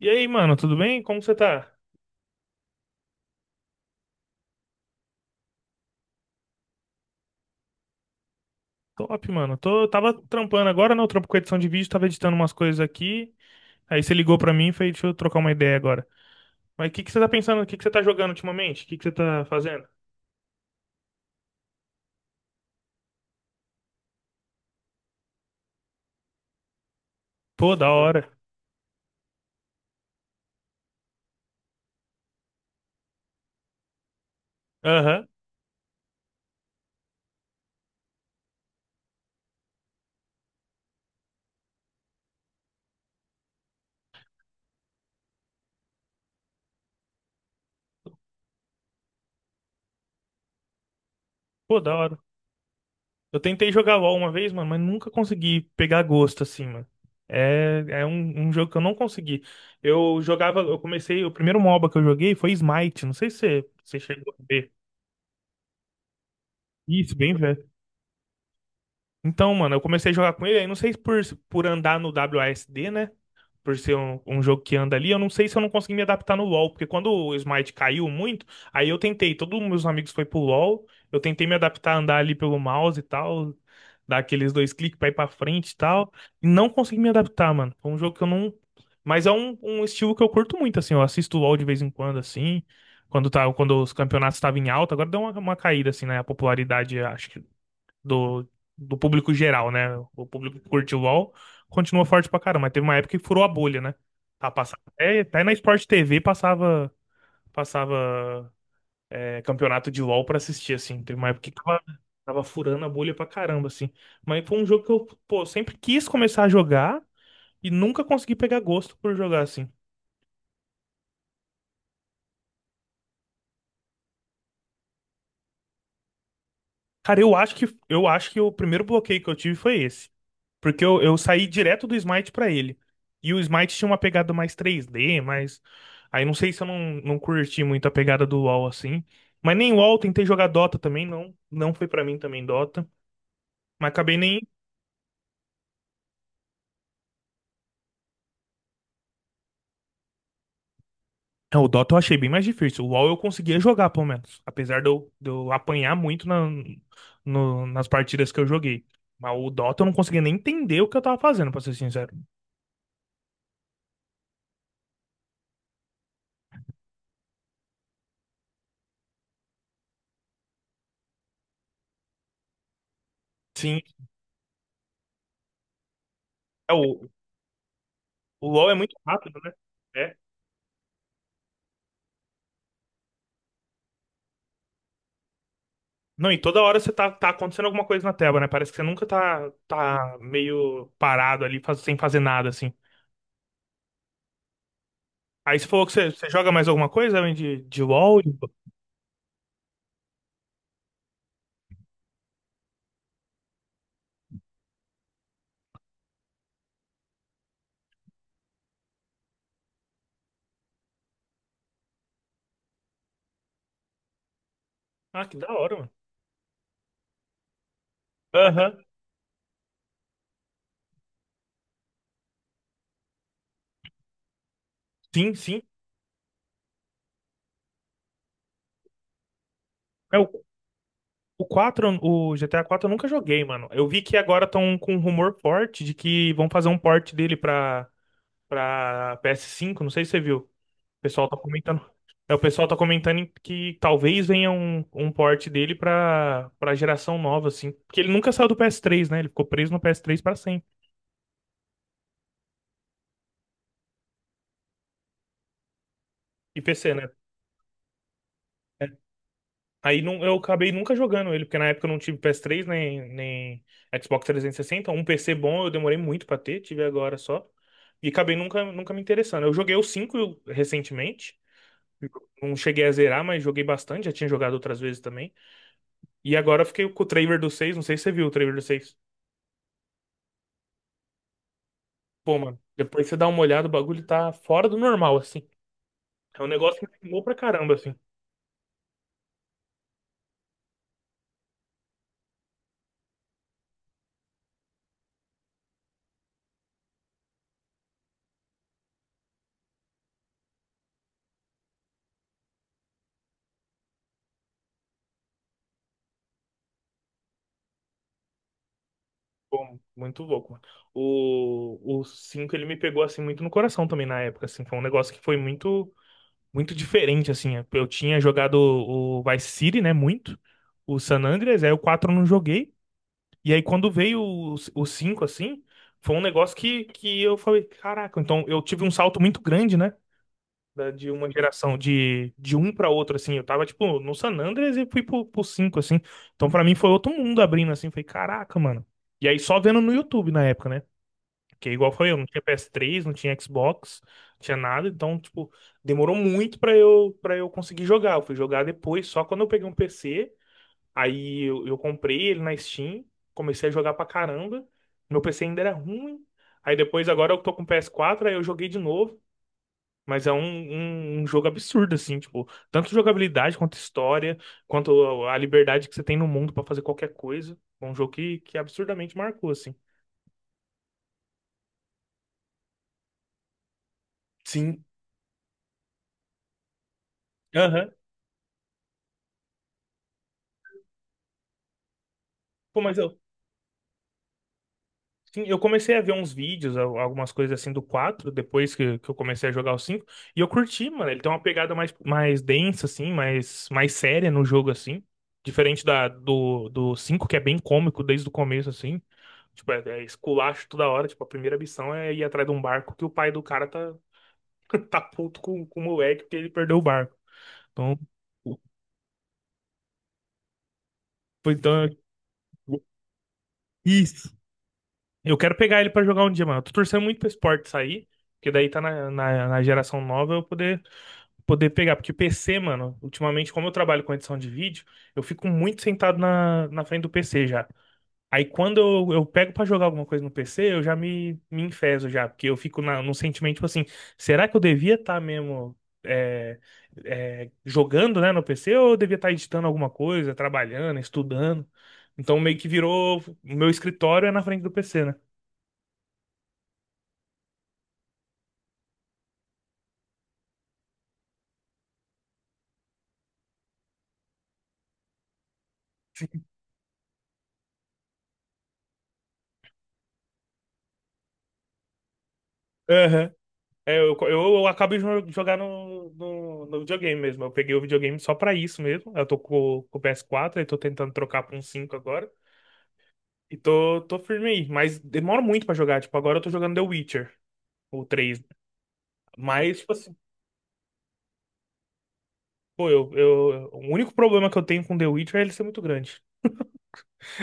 E aí, mano, tudo bem? Como você tá? Top, mano. Tava trampando agora, né? Eu trampo com edição de vídeo, tava editando umas coisas aqui. Aí você ligou pra mim e falei, deixa eu trocar uma ideia agora. Mas o que que você tá pensando? O que que você tá jogando ultimamente? O que que você tá fazendo? Pô, da hora. Aham. Pô, da hora. Eu tentei jogar LoL uma vez, mano, mas nunca consegui pegar gosto assim, mano. É um jogo que eu não consegui. Eu jogava, eu comecei, o primeiro MOBA que eu joguei foi Smite. Não sei se você chegou a ver. Isso, bem velho. Então, mano, eu comecei a jogar com ele, aí não sei se por andar no WASD, né? Por ser um jogo que anda ali, eu não sei se eu não consegui me adaptar no LoL, porque quando o Smite caiu muito, aí eu tentei, todos os meus amigos foi pro LoL, eu tentei me adaptar a andar ali pelo mouse e tal, dar aqueles dois cliques pra ir pra frente e tal, e não consegui me adaptar, mano. É um jogo que eu não. Mas é um estilo que eu curto muito, assim, eu assisto o LoL de vez em quando, assim, quando, tá, quando os campeonatos estavam em alta, agora deu uma caída, assim, né? A popularidade, acho que do, do público geral, né? O público que curte o LoL continua forte pra caramba, mas teve uma época que furou a bolha, né? Tá passando, até na Sport TV passava, passava campeonato de LoL pra assistir, assim. Teve uma época que tava furando a bolha pra caramba, assim. Mas foi um jogo que eu, pô, sempre quis começar a jogar e nunca consegui pegar gosto por jogar, assim. Cara, eu acho que o primeiro bloqueio que eu tive foi esse. Porque eu saí direto do Smite pra ele. E o Smite tinha uma pegada mais 3D, mas. Aí não sei se eu não curti muito a pegada do LoL assim. Mas nem LoL, tentei jogar Dota também, não. Não foi pra mim também Dota. Mas acabei nem. É, o Dota eu achei bem mais difícil. O LoL eu conseguia jogar, pelo menos. Apesar de eu apanhar muito na, nas partidas que eu joguei. Mas o Dota eu não conseguia nem entender o que eu tava fazendo, pra ser sincero. Sim, é, o, o LoL é muito rápido, né? É. Não, e toda hora você tá acontecendo alguma coisa na tela, né? Parece que você nunca tá meio parado ali, sem fazer nada, assim. Aí você falou que você joga mais alguma coisa além de LoL? Ah, que da hora, mano. Aham. Sim, sim. É, o GTA 4 eu nunca joguei, mano. Eu vi que agora estão com um rumor forte de que vão fazer um port dele pra PS5. Não sei se você viu. O pessoal tá comentando. É, o pessoal tá comentando que talvez venha um port dele pra geração nova, assim. Porque ele nunca saiu do PS3, né? Ele ficou preso no PS3 pra sempre. E PC, né? É. Aí não, eu acabei nunca jogando ele, porque na época eu não tive PS3 nem Xbox 360. Um PC bom eu demorei muito pra ter, tive agora só. E acabei nunca me interessando. Eu joguei o 5 recentemente. Não cheguei a zerar, mas joguei bastante. Já tinha jogado outras vezes também. E agora eu fiquei com o trailer do seis. Não sei se você viu o trailer do seis. Pô, mano, depois você dá uma olhada, o bagulho tá fora do normal, assim. É um negócio que me pegou pra caramba, assim. Pô, muito louco, mano. O 5 ele me pegou, assim, muito no coração também na época, assim. Foi um negócio que foi muito diferente, assim. Eu tinha jogado o Vice City, né, muito. O San Andreas, aí o 4 eu não joguei. E aí quando veio o 5 assim, foi um negócio que eu falei, caraca, então eu tive um salto muito grande, né? De uma geração de um pra outro, assim. Eu tava, tipo, no San Andreas e fui pro 5 assim. Então, pra mim, foi outro mundo abrindo, assim. Falei, caraca, mano. E aí, só vendo no YouTube na época, né? Porque igual foi eu, não tinha PS3, não tinha Xbox, não tinha nada. Então, tipo, demorou muito pra eu conseguir jogar. Eu fui jogar depois, só quando eu peguei um PC. Aí eu comprei ele na Steam, comecei a jogar pra caramba. Meu PC ainda era ruim. Aí depois, agora eu tô com PS4, aí eu joguei de novo. Mas é um jogo absurdo, assim, tipo, tanto jogabilidade quanto história, quanto a liberdade que você tem no mundo pra fazer qualquer coisa. É um jogo que absurdamente marcou, assim. Sim. Aham. Pô, mas eu, sim, eu comecei a ver uns vídeos, algumas coisas assim do 4 depois que eu comecei a jogar o 5 e eu curti, mano. Ele tem uma pegada mais densa, assim, mais séria no jogo, assim. Diferente do 5 que é bem cômico desde o começo, assim. Tipo, é esculacho toda hora. Tipo, a primeira missão é ir atrás de um barco que o pai do cara tá, tá puto com o moleque porque ele perdeu o barco. Então, então, isso. Eu quero pegar ele pra jogar um dia, mano. Eu tô torcendo muito pra esse port sair, porque daí tá na geração nova eu poder pegar. Porque o PC, mano, ultimamente, como eu trabalho com edição de vídeo, eu fico muito sentado na frente do PC já. Aí quando eu pego pra jogar alguma coisa no PC, eu já me enfezo já, porque eu fico num sentimento tipo assim, será que eu devia estar mesmo é, jogando, né, no PC ou eu devia estar editando alguma coisa, trabalhando, estudando? Então meio que virou, o meu escritório é na frente do PC, né? Aham. É, eu acabo de jogar no videogame mesmo. Eu peguei o videogame só pra isso mesmo. Eu tô com o PS4 e tô tentando trocar pra um 5 agora. E tô firme aí, mas demora muito pra jogar. Tipo, agora eu tô jogando The Witcher, o 3, mas, tipo assim, pô, o único problema que eu tenho com The Witcher é ele ser muito grande.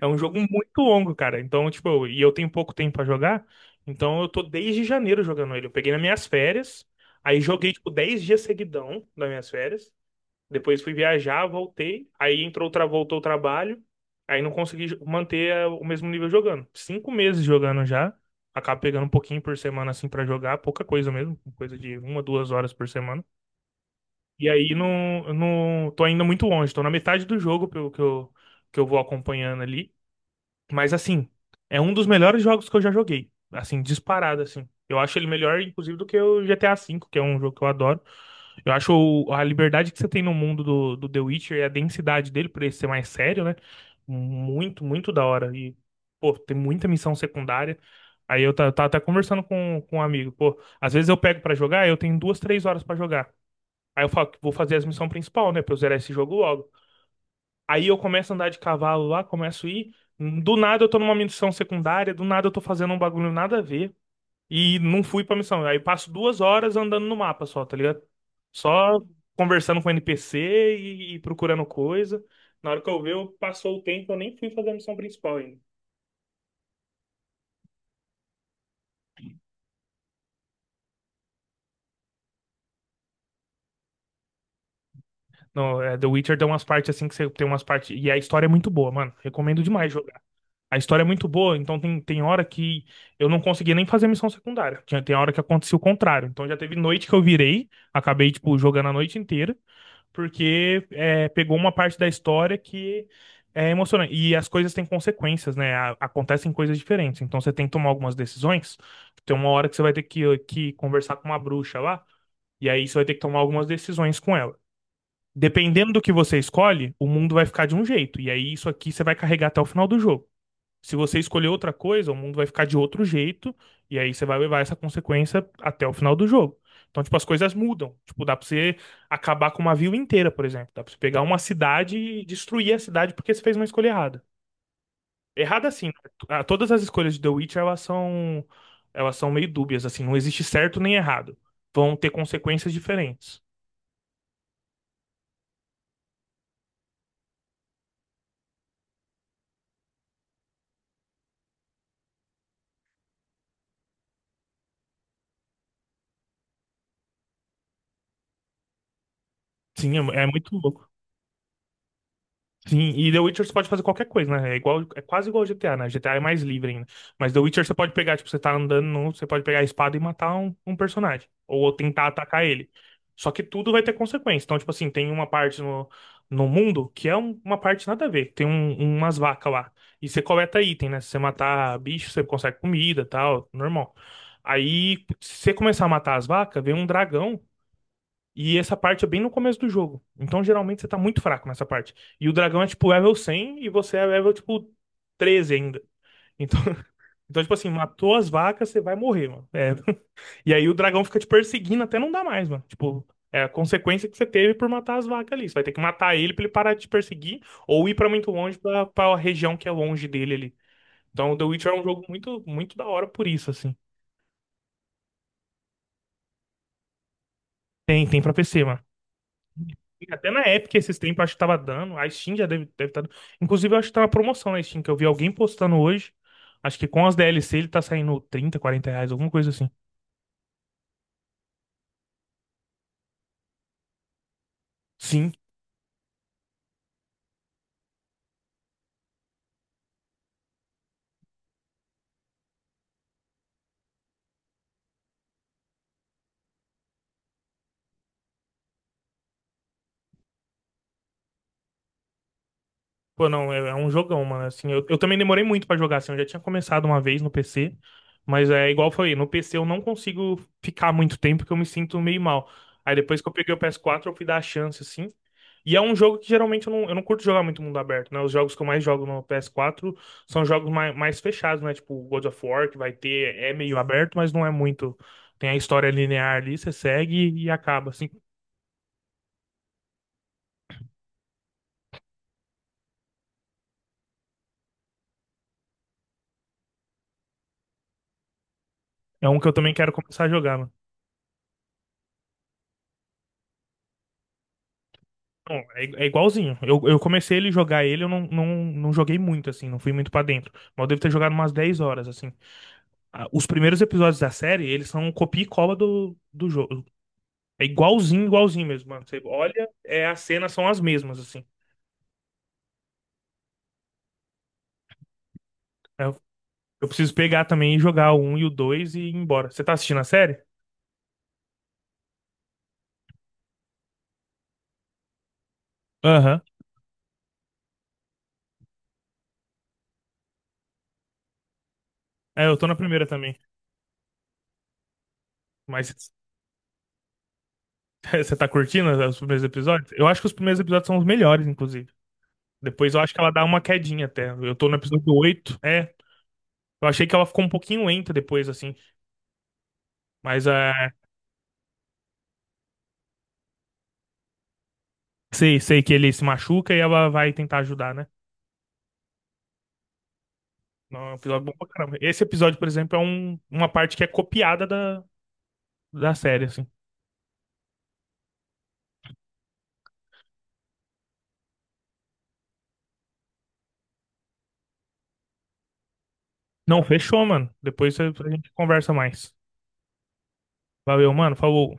É um jogo muito longo, cara. Então, tipo, e eu tenho pouco tempo pra jogar, então eu tô desde janeiro jogando ele. Eu peguei nas minhas férias, aí joguei, tipo, 10 dias seguidão nas minhas férias. Depois fui viajar, voltei. Aí entrou, voltou o trabalho. Aí não consegui manter o mesmo nível jogando. 5 meses jogando já. Acabo pegando um pouquinho por semana assim pra jogar, pouca coisa mesmo, coisa de uma, duas horas por semana. E aí não, não tô ainda muito longe, tô na metade do jogo pelo que que eu vou acompanhando ali. Mas assim, é um dos melhores jogos que eu já joguei. Assim, disparado, assim. Eu acho ele melhor, inclusive, do que o GTA V, que é um jogo que eu adoro. Eu acho a liberdade que você tem no mundo do The Witcher e a densidade dele, por ele ser mais sério, né? Muito da hora. E, pô, tem muita missão secundária. Aí eu tava até conversando com um amigo. Pô, às vezes eu pego pra jogar, eu tenho duas, três horas pra jogar. Aí eu falo que vou fazer as missões principal, né? Pra eu zerar esse jogo logo. Aí eu começo a andar de cavalo lá, começo a ir. Do nada eu tô numa missão secundária, do nada eu tô fazendo um bagulho nada a ver. E não fui pra missão. Aí passo duas horas andando no mapa só, tá ligado? Só conversando com NPC e procurando coisa. Na hora que eu ver, eu passou o tempo, eu nem fui fazer a missão principal ainda. Não, é, The Witcher tem umas partes assim que você tem umas partes. E a história é muito boa, mano. Recomendo demais jogar. A história é muito boa, então tem hora que eu não conseguia nem fazer missão secundária. Tinha, tem hora que acontecia o contrário. Então já teve noite que eu virei, acabei, tipo, jogando a noite inteira, porque pegou uma parte da história que é emocionante. E as coisas têm consequências, né? Acontecem coisas diferentes. Então você tem que tomar algumas decisões. Tem uma hora que você vai ter que conversar com uma bruxa lá, e aí você vai ter que tomar algumas decisões com ela. Dependendo do que você escolhe, o mundo vai ficar de um jeito. E aí isso aqui você vai carregar até o final do jogo. Se você escolher outra coisa, o mundo vai ficar de outro jeito, e aí você vai levar essa consequência até o final do jogo. Então, tipo, as coisas mudam. Tipo, dá pra você acabar com uma vila inteira, por exemplo. Dá pra você pegar uma cidade e destruir a cidade porque você fez uma escolha errada. Errada assim, né? Todas as escolhas de The Witcher, elas são meio dúbias, assim. Não existe certo nem errado. Vão ter consequências diferentes. Sim, é muito louco. Sim, e The Witcher você pode fazer qualquer coisa, né? É igual, é quase igual ao GTA, né? GTA é mais livre ainda. Mas The Witcher você pode pegar, tipo, você tá andando, você pode pegar a espada e matar um personagem. Ou tentar atacar ele. Só que tudo vai ter consequência. Então, tipo assim, tem uma parte no mundo que é uma parte nada a ver. Tem umas vacas lá. E você coleta item, né? Se você matar bicho, você consegue comida, e tal, normal. Aí, se você começar a matar as vacas, vem um dragão e essa parte é bem no começo do jogo. Então, geralmente, você tá muito fraco nessa parte. E o dragão é tipo level 100 e você é level tipo 13 ainda. Então, então tipo assim, matou as vacas, você vai morrer, mano. É. E aí o dragão fica te perseguindo até não dar mais, mano. Tipo, é a consequência que você teve por matar as vacas ali. Você vai ter que matar ele pra ele parar de te perseguir ou ir pra muito longe, pra região que é longe dele ali. Então, o The Witcher é um jogo muito da hora por isso, assim. Tem pra PC, mano. Até na Epic esses tempos, acho que tava dando. A Steam já deve estar dando. Inclusive, eu acho que tá na promoção na Steam, que eu vi alguém postando hoje. Acho que com as DLC ele tá saindo R$ 30, 40, alguma coisa assim. Sim. Pô, não, é, é um jogão, mano. Assim, eu também demorei muito pra jogar, assim, eu já tinha começado uma vez no PC, mas é igual eu falei, no PC eu não consigo ficar muito tempo porque eu me sinto meio mal. Aí depois que eu peguei o PS4, eu fui dar a chance, assim. E é um jogo que geralmente eu não curto jogar muito mundo aberto, né? Os jogos que eu mais jogo no PS4 são jogos mais fechados, né? Tipo God of War, que vai ter, é meio aberto, mas não é muito. Tem a história linear ali, você segue e acaba, assim. É um que eu também quero começar a jogar, mano. Não, é igualzinho. Eu comecei ele jogar ele, eu não, não, não joguei muito, assim, não fui muito pra dentro. Mas eu devo ter jogado umas 10 horas, assim. Os primeiros episódios da série, eles são copia e cola do jogo. É igualzinho, igualzinho mesmo, mano. Você olha, é, as cenas são as mesmas, assim. É, Eu, eu preciso pegar também e jogar o um e o 2 e ir embora. Você tá assistindo a série? Aham. É, eu tô na primeira também. Mas você tá curtindo os primeiros episódios? Eu acho que os primeiros episódios são os melhores, inclusive. Depois eu acho que ela dá uma quedinha até. Eu tô no episódio 8. Eu achei que ela ficou um pouquinho lenta depois, assim. Mas é, sei que ele se machuca e ela vai tentar ajudar, né? Não, é um episódio bom pra caramba. Esse episódio, por exemplo, é uma parte que é copiada da série, assim. Não, fechou, mano. Depois a gente conversa mais. Valeu, mano. Falou.